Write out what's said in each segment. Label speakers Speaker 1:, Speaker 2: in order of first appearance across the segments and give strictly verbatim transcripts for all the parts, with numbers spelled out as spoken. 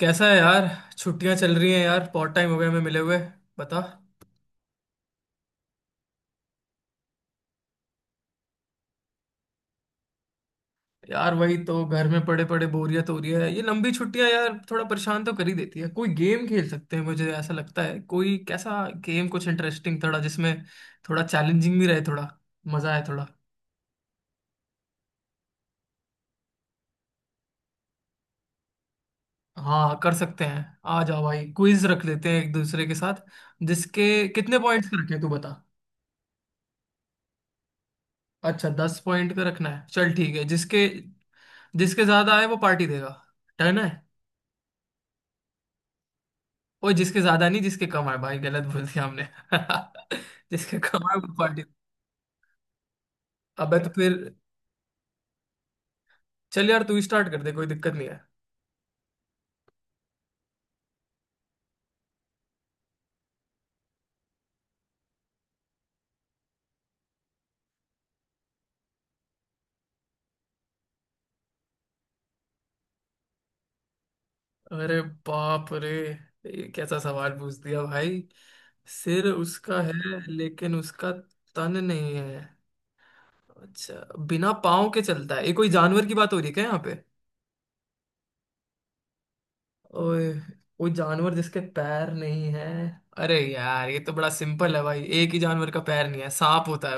Speaker 1: कैसा है यार। छुट्टियां चल रही हैं यार। बहुत टाइम हो गया हमें मिले हुए। बता। यार वही तो घर में पड़े पड़े बोरियत हो रही है। ये लंबी छुट्टियां यार थोड़ा परेशान तो कर ही देती है। कोई गेम खेल सकते हैं मुझे ऐसा लगता है। कोई कैसा गेम, कुछ इंटरेस्टिंग थोड़ा जिसमें थोड़ा चैलेंजिंग भी रहे, थोड़ा मजा आए थोड़ा। हाँ कर सकते हैं। आ जाओ भाई क्विज रख लेते हैं एक दूसरे के साथ। जिसके कितने पॉइंट्स का रखें तू बता। अच्छा दस पॉइंट का रखना है, चल ठीक है। जिसके जिसके ज्यादा आए वो पार्टी देगा। डन है। वो जिसके ज्यादा नहीं, जिसके कम है भाई, गलत बोल दिया हमने। जिसके कम है वो पार्टी। अबे तो फिर। चल यार तू स्टार्ट कर दे, कोई दिक्कत नहीं है। अरे बाप रे, ये कैसा सवाल पूछ दिया भाई। सिर उसका है लेकिन उसका तन नहीं है। अच्छा। बिना पाँव के चलता है, ये कोई जानवर की बात हो रही है क्या यहाँ पे? ओए। कोई जानवर जिसके पैर नहीं है। अरे यार ये तो बड़ा सिंपल है भाई। एक ही जानवर का पैर नहीं है, सांप होता है।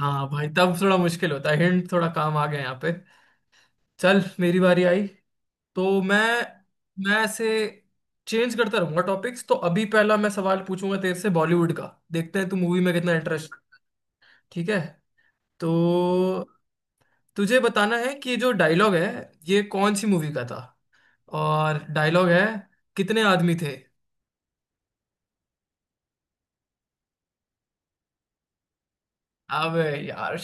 Speaker 1: हाँ भाई तब थोड़ा मुश्किल होता है। हिंट थोड़ा काम आ गया यहाँ पे। चल मेरी बारी आई। तो मैं मैं ऐसे चेंज करता रहूंगा टॉपिक्स। तो अभी पहला मैं सवाल पूछूंगा तेरे से बॉलीवुड का। देखते हैं तू मूवी में कितना इंटरेस्ट। ठीक है, तो तुझे बताना है कि जो डायलॉग है ये कौन सी मूवी का था। और डायलॉग है, कितने आदमी थे। अबे यार।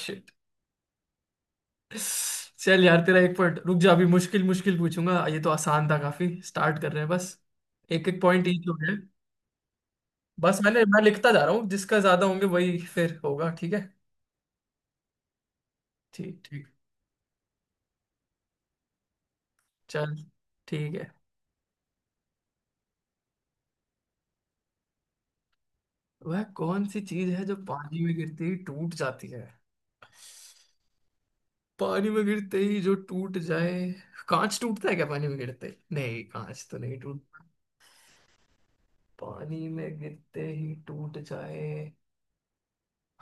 Speaker 1: चल यार तेरा एक पॉइंट। रुक जा, अभी मुश्किल मुश्किल पूछूंगा। ये तो आसान था, काफी स्टार्ट कर रहे हैं बस। एक एक पॉइंट ईच हो गए। बस मैंने मैं लिखता जा रहा हूँ, जिसका ज्यादा होंगे वही फिर होगा ठीक है। ठीक ठीक। चल ठीक है। वह कौन सी चीज है जो पानी में गिरते ही टूट जाती है? पानी में गिरते ही जो टूट जाए। कांच टूटता है क्या पानी में गिरते ही? नहीं कांच तो नहीं टूटता। पानी में गिरते ही टूट जाए।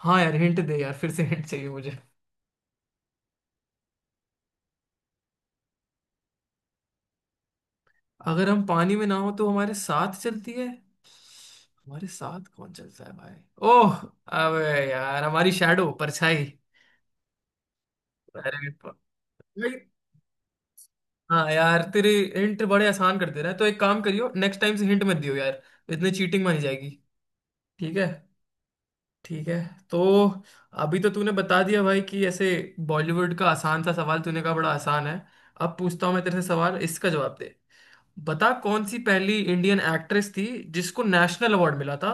Speaker 1: हाँ यार हिंट दे यार, फिर से हिंट चाहिए मुझे। अगर हम पानी में ना हो तो हमारे साथ चलती है। हमारे साथ कौन चलता है भाई? ओह। अबे। यार हमारी शैडो, परछाई। अरे भाई, हाँ यार तेरे हिंट बड़े आसान कर दे रहा है, तो एक काम करियो नेक्स्ट टाइम से हिंट मत दियो यार। इतनी चीटिंग मानी जाएगी। ठीक है। ठीक है। तो अभी तो तूने बता दिया भाई कि ऐसे बॉलीवुड का आसान सा सवाल, तूने कहा बड़ा आसान है। अब पूछता हूँ मैं तेरे से सवाल, इसका जवाब दे। बता कौन सी पहली इंडियन एक्ट्रेस थी जिसको नेशनल अवार्ड मिला था,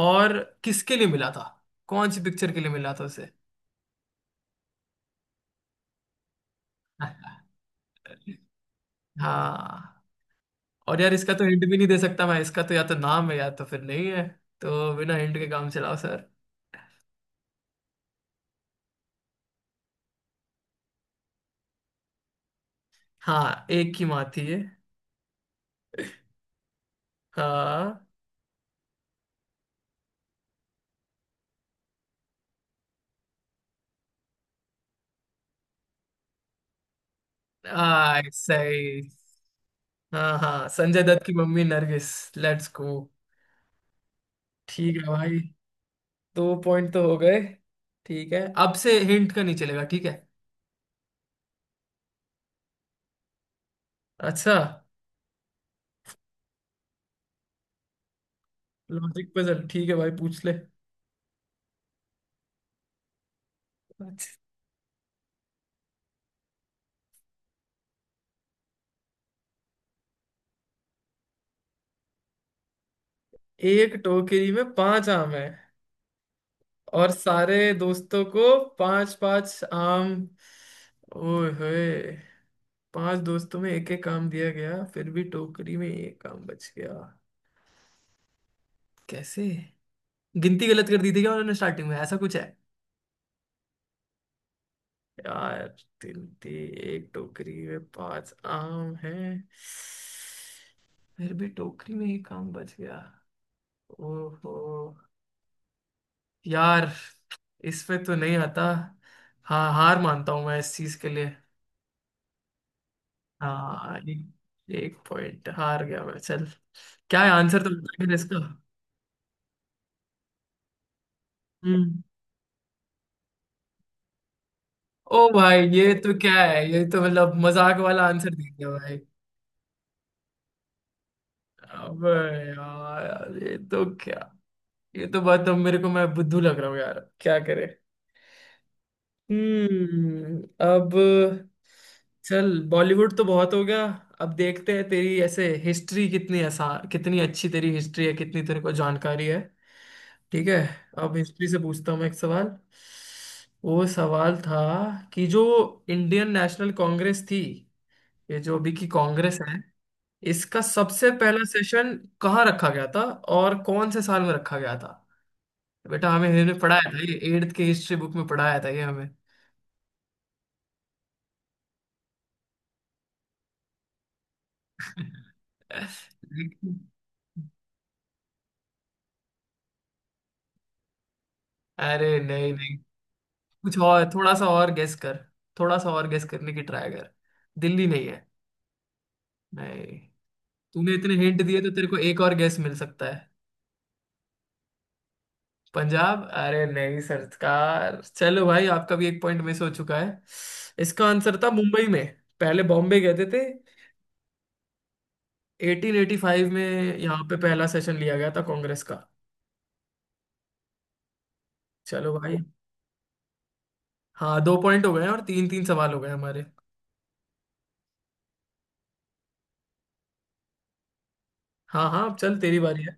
Speaker 1: और किसके लिए मिला था, कौन सी पिक्चर के लिए मिला था उसे। हाँ। और यार इसका तो हिंट भी नहीं दे सकता मैं। इसका तो या तो नाम है या तो फिर नहीं है। तो बिना हिंट के काम चलाओ सर। हाँ एक ही माँ थी ये। हाँ। आ, सही। हाँ हाँ, संजय दत्त की मम्मी नरगिस। Let's go. ठीक है भाई। दो पॉइंट तो हो गए। ठीक है, अब से हिंट का नहीं चलेगा ठीक है। अच्छा। लॉजिक पजल ठीक है भाई, पूछ ले। अच्छा, एक टोकरी में पांच आम है और सारे दोस्तों को पांच पांच आम। ओए होए। पांच दोस्तों में एक एक आम दिया गया फिर भी टोकरी में एक आम बच गया कैसे? गिनती गलत कर दी थी क्या उन्होंने स्टार्टिंग में, ऐसा कुछ? यार तिल थी। एक टोकरी में पांच आम है फिर भी टोकरी में एक आम बच गया। ओहो। यार इस पे तो नहीं आता। हाँ हार मानता हूँ मैं इस चीज के लिए। हाँ एक, एक पॉइंट हार गया मैं, चल। क्या है आंसर तो बता दे इसका। हम्म। ओ भाई ये तो क्या है? ये तो मतलब मजाक वाला आंसर दे दिया भाई। अब यार ये तो क्या, ये तो बात, अब मेरे को मैं बुद्धू लग रहा हूँ यार क्या करे। हम्म। अब चल, बॉलीवुड तो बहुत हो गया। अब देखते हैं तेरी ऐसे हिस्ट्री कितनी आसान, कितनी अच्छी तेरी हिस्ट्री है, कितनी तेरे को जानकारी है। ठीक है। अब हिस्ट्री से पूछता हूँ मैं एक सवाल। वो सवाल था कि जो इंडियन नेशनल कांग्रेस थी, ये जो अभी की कांग्रेस है, इसका सबसे पहला सेशन कहाँ रखा गया था और कौन से साल में रखा गया था? बेटा हमें, हमने पढ़ाया था, ये एट्थ के हिस्ट्री बुक में पढ़ाया था ये हमें। अरे नहीं नहीं। कुछ और, थोड़ा सा और गेस कर। थोड़ा सा और गेस करने की ट्राई कर। दिल्ली नहीं है। नहीं। तूने इतने हिंट दिए तो तेरे को एक और गेस मिल सकता है। पंजाब अरे नहीं सरकार। चलो भाई, आपका भी एक पॉइंट मिस हो चुका है। इसका आंसर था मुंबई में। पहले बॉम्बे गए थे। अठारह सौ पचासी में यहाँ पे पहला सेशन लिया गया था कांग्रेस का। चलो भाई। हाँ दो पॉइंट हो गए हैं और तीन तीन सवाल हो गए हमारे। हाँ हाँ, अब चल तेरी बारी है।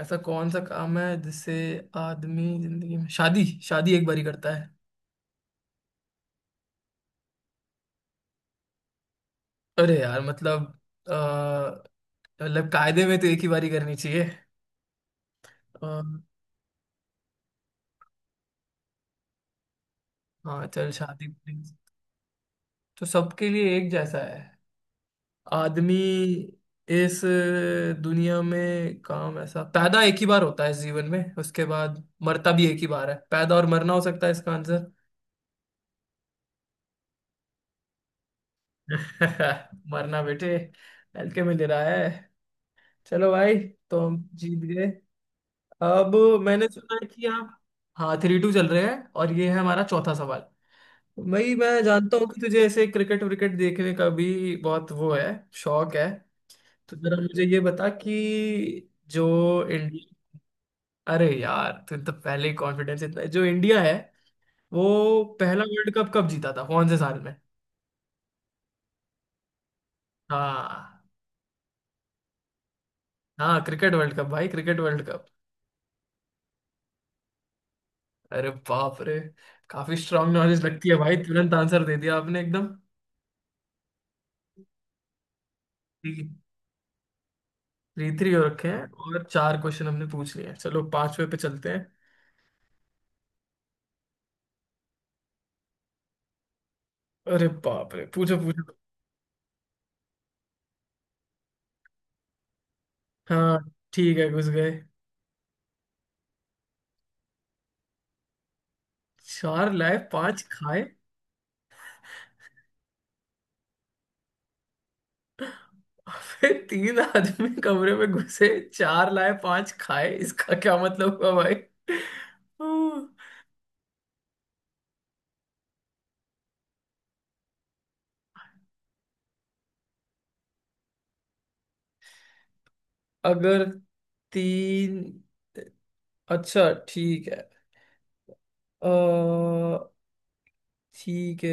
Speaker 1: ऐसा कौन सा काम है जिससे आदमी जिंदगी में शादी शादी एक बारी करता है? अरे यार मतलब, अ, मतलब कायदे में तो एक ही बारी करनी चाहिए। अ, हाँ चल शादी तो सबके लिए एक जैसा है। आदमी इस दुनिया में, काम ऐसा, पैदा एक ही बार होता है इस जीवन में, उसके बाद मरता भी एक ही बार है। पैदा और मरना हो सकता है इसका आंसर। मरना बेटे हल्के में ले रहा है। चलो भाई, तो हम जीत गए। अब मैंने सुना है कि आप। हाँ थ्री टू चल रहे हैं और ये है हमारा चौथा सवाल। भाई मैं जानता हूँ कि तुझे ऐसे क्रिकेट विकेट देखने का भी बहुत वो है, शौक है। तो जरा मुझे ये बता कि जो इंडिया, अरे यार तुम तो पहले ही कॉन्फिडेंस इतना। जो इंडिया है, वो पहला वर्ल्ड कप कब जीता था, कौन से साल में? हाँ हाँ क्रिकेट वर्ल्ड कप भाई, क्रिकेट वर्ल्ड कप। अरे बाप रे, काफी स्ट्रांग नॉलेज लगती है भाई, तुरंत आंसर दे दिया आपने एकदम। थ्री थ्री हो रखे हैं और चार क्वेश्चन हमने पूछ लिए हैं, चलो पांचवे पे चलते हैं। अरे बाप रे पूछो पूछो। हाँ ठीक है, घुस गए। चार लाए पांच खाए। फिर तीन आदमी कमरे में घुसे, चार लाए पांच खाए, इसका क्या मतलब हुआ भाई? हम्म, अगर तीन, अच्छा ठीक है। अ, ठीक है।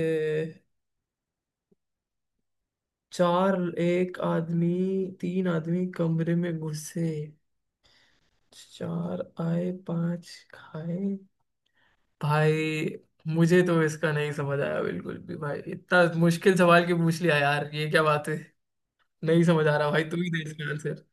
Speaker 1: चार, एक आदमी, तीन आदमी कमरे में घुसे, चार आए पांच खाए। भाई मुझे तो इसका नहीं समझ आया बिल्कुल भी भाई, इतना मुश्किल सवाल क्यों पूछ लिया यार, ये क्या बात है? नहीं समझ आ रहा भाई, तू ही दे इसका आंसर।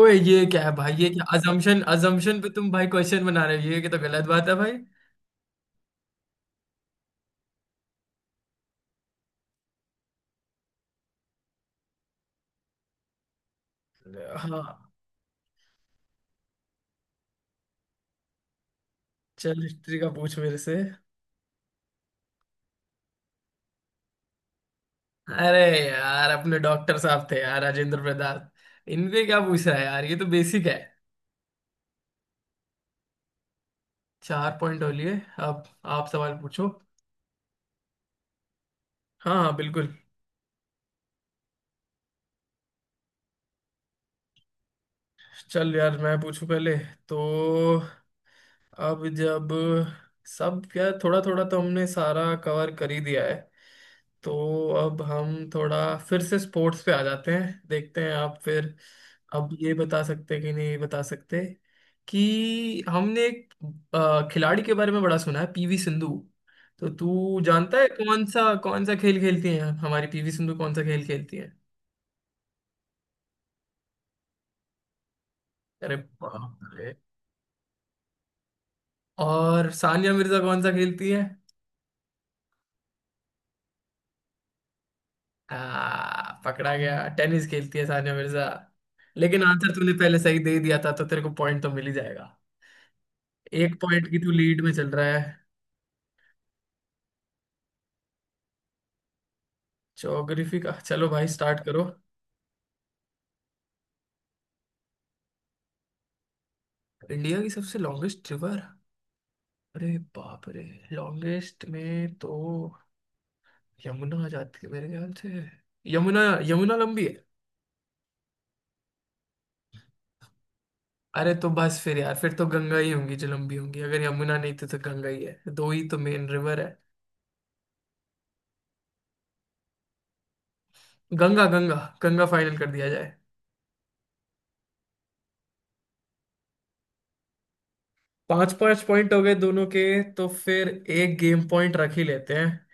Speaker 1: ओए ये क्या है भाई, ये क्या अजम्पशन अजम्पशन पे तुम भाई क्वेश्चन बना रहे हो? ये तो गलत बात है भाई। हाँ चल, हिस्ट्री का पूछ मेरे से। अरे यार, अपने डॉक्टर साहब थे यार, राजेंद्र प्रसाद। इनपे क्या पूछ रहा है यार, ये तो बेसिक है। चार पॉइंट हो लिए। अब आप सवाल पूछो। हाँ हाँ बिल्कुल। चल यार मैं पूछूं पहले। तो अब जब सब क्या, थोड़ा थोड़ा तो हमने सारा कवर कर ही दिया है। तो अब हम थोड़ा फिर से स्पोर्ट्स पे आ जाते हैं, देखते हैं आप फिर अब ये बता सकते हैं कि नहीं बता सकते। कि हमने एक अ, खिलाड़ी के बारे में बड़ा सुना है, पीवी सिंधु। तो तू जानता है कौन सा कौन सा खेल खेलती हैं हमारी पीवी सिंधु, कौन सा खेल खेलती है? अरे बाप रे। और सानिया मिर्जा कौन सा खेलती है? आ, पकड़ा गया, टेनिस खेलती है सानिया मिर्जा। लेकिन आंसर तूने पहले सही दे दिया था तो तेरे को पॉइंट तो मिल ही जाएगा। एक पॉइंट की तू लीड में चल रहा है। ज्योग्राफी का, चलो भाई स्टार्ट करो। इंडिया की सबसे लॉन्गेस्ट रिवर। अरे बाप रे। लॉन्गेस्ट में तो यमुना आ जाती है मेरे ख्याल से। यमुना। यमुना लंबी है। अरे तो बस फिर यार, फिर तो गंगा ही होंगी जो लंबी होंगी, अगर यमुना नहीं तो, तो गंगा ही है, दो ही तो मेन रिवर है। गंगा गंगा। गंगा फाइनल कर दिया जाए। पांच पांच पॉइंट हो गए दोनों के। तो फिर एक गेम पॉइंट रख ही लेते हैं।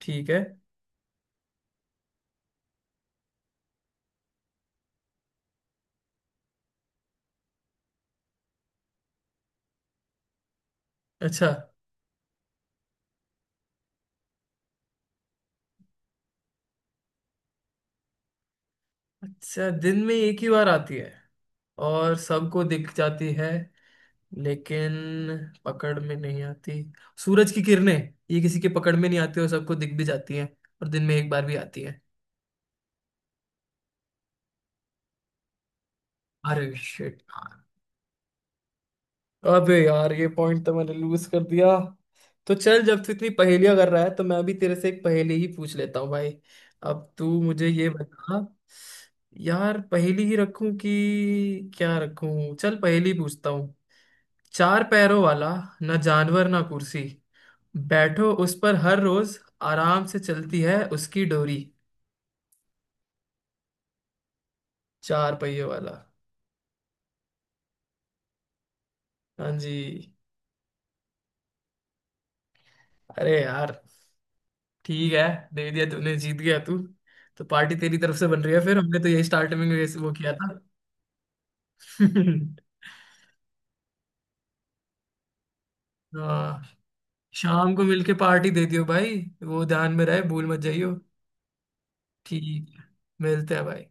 Speaker 1: ठीक है। अच्छा। अच्छा, दिन में एक ही बार आती है और सबको दिख जाती है लेकिन पकड़ में नहीं आती। सूरज की किरणें। ये किसी के पकड़ में नहीं आती और सबको दिख भी जाती हैं, और दिन में एक बार भी आती है। अरे शिट। अबे यार, ये पॉइंट तो मैंने लूज कर दिया। तो चल जब तू इतनी पहेलियां कर रहा है, तो मैं भी तेरे से एक पहेली ही पूछ लेता हूँ भाई। अब तू मुझे ये बता। यार पहेली ही रखूं कि क्या रखूं? चल पहेली पूछता हूँ। चार पैरों वाला, ना जानवर ना कुर्सी, बैठो उस पर हर रोज, आराम से चलती है उसकी डोरी। चार पहियों वाला। हाँ जी। अरे यार ठीक है, दे दिया तूने, जीत गया तू। तो पार्टी तेरी तरफ से बन रही है फिर, हमने तो यही स्टार्टिंग में वैसे वो किया था। हाँ, शाम को मिलके पार्टी दे दियो भाई। वो ध्यान में रहे, भूल मत जाइयो। ठीक है। मिलते हैं भाई।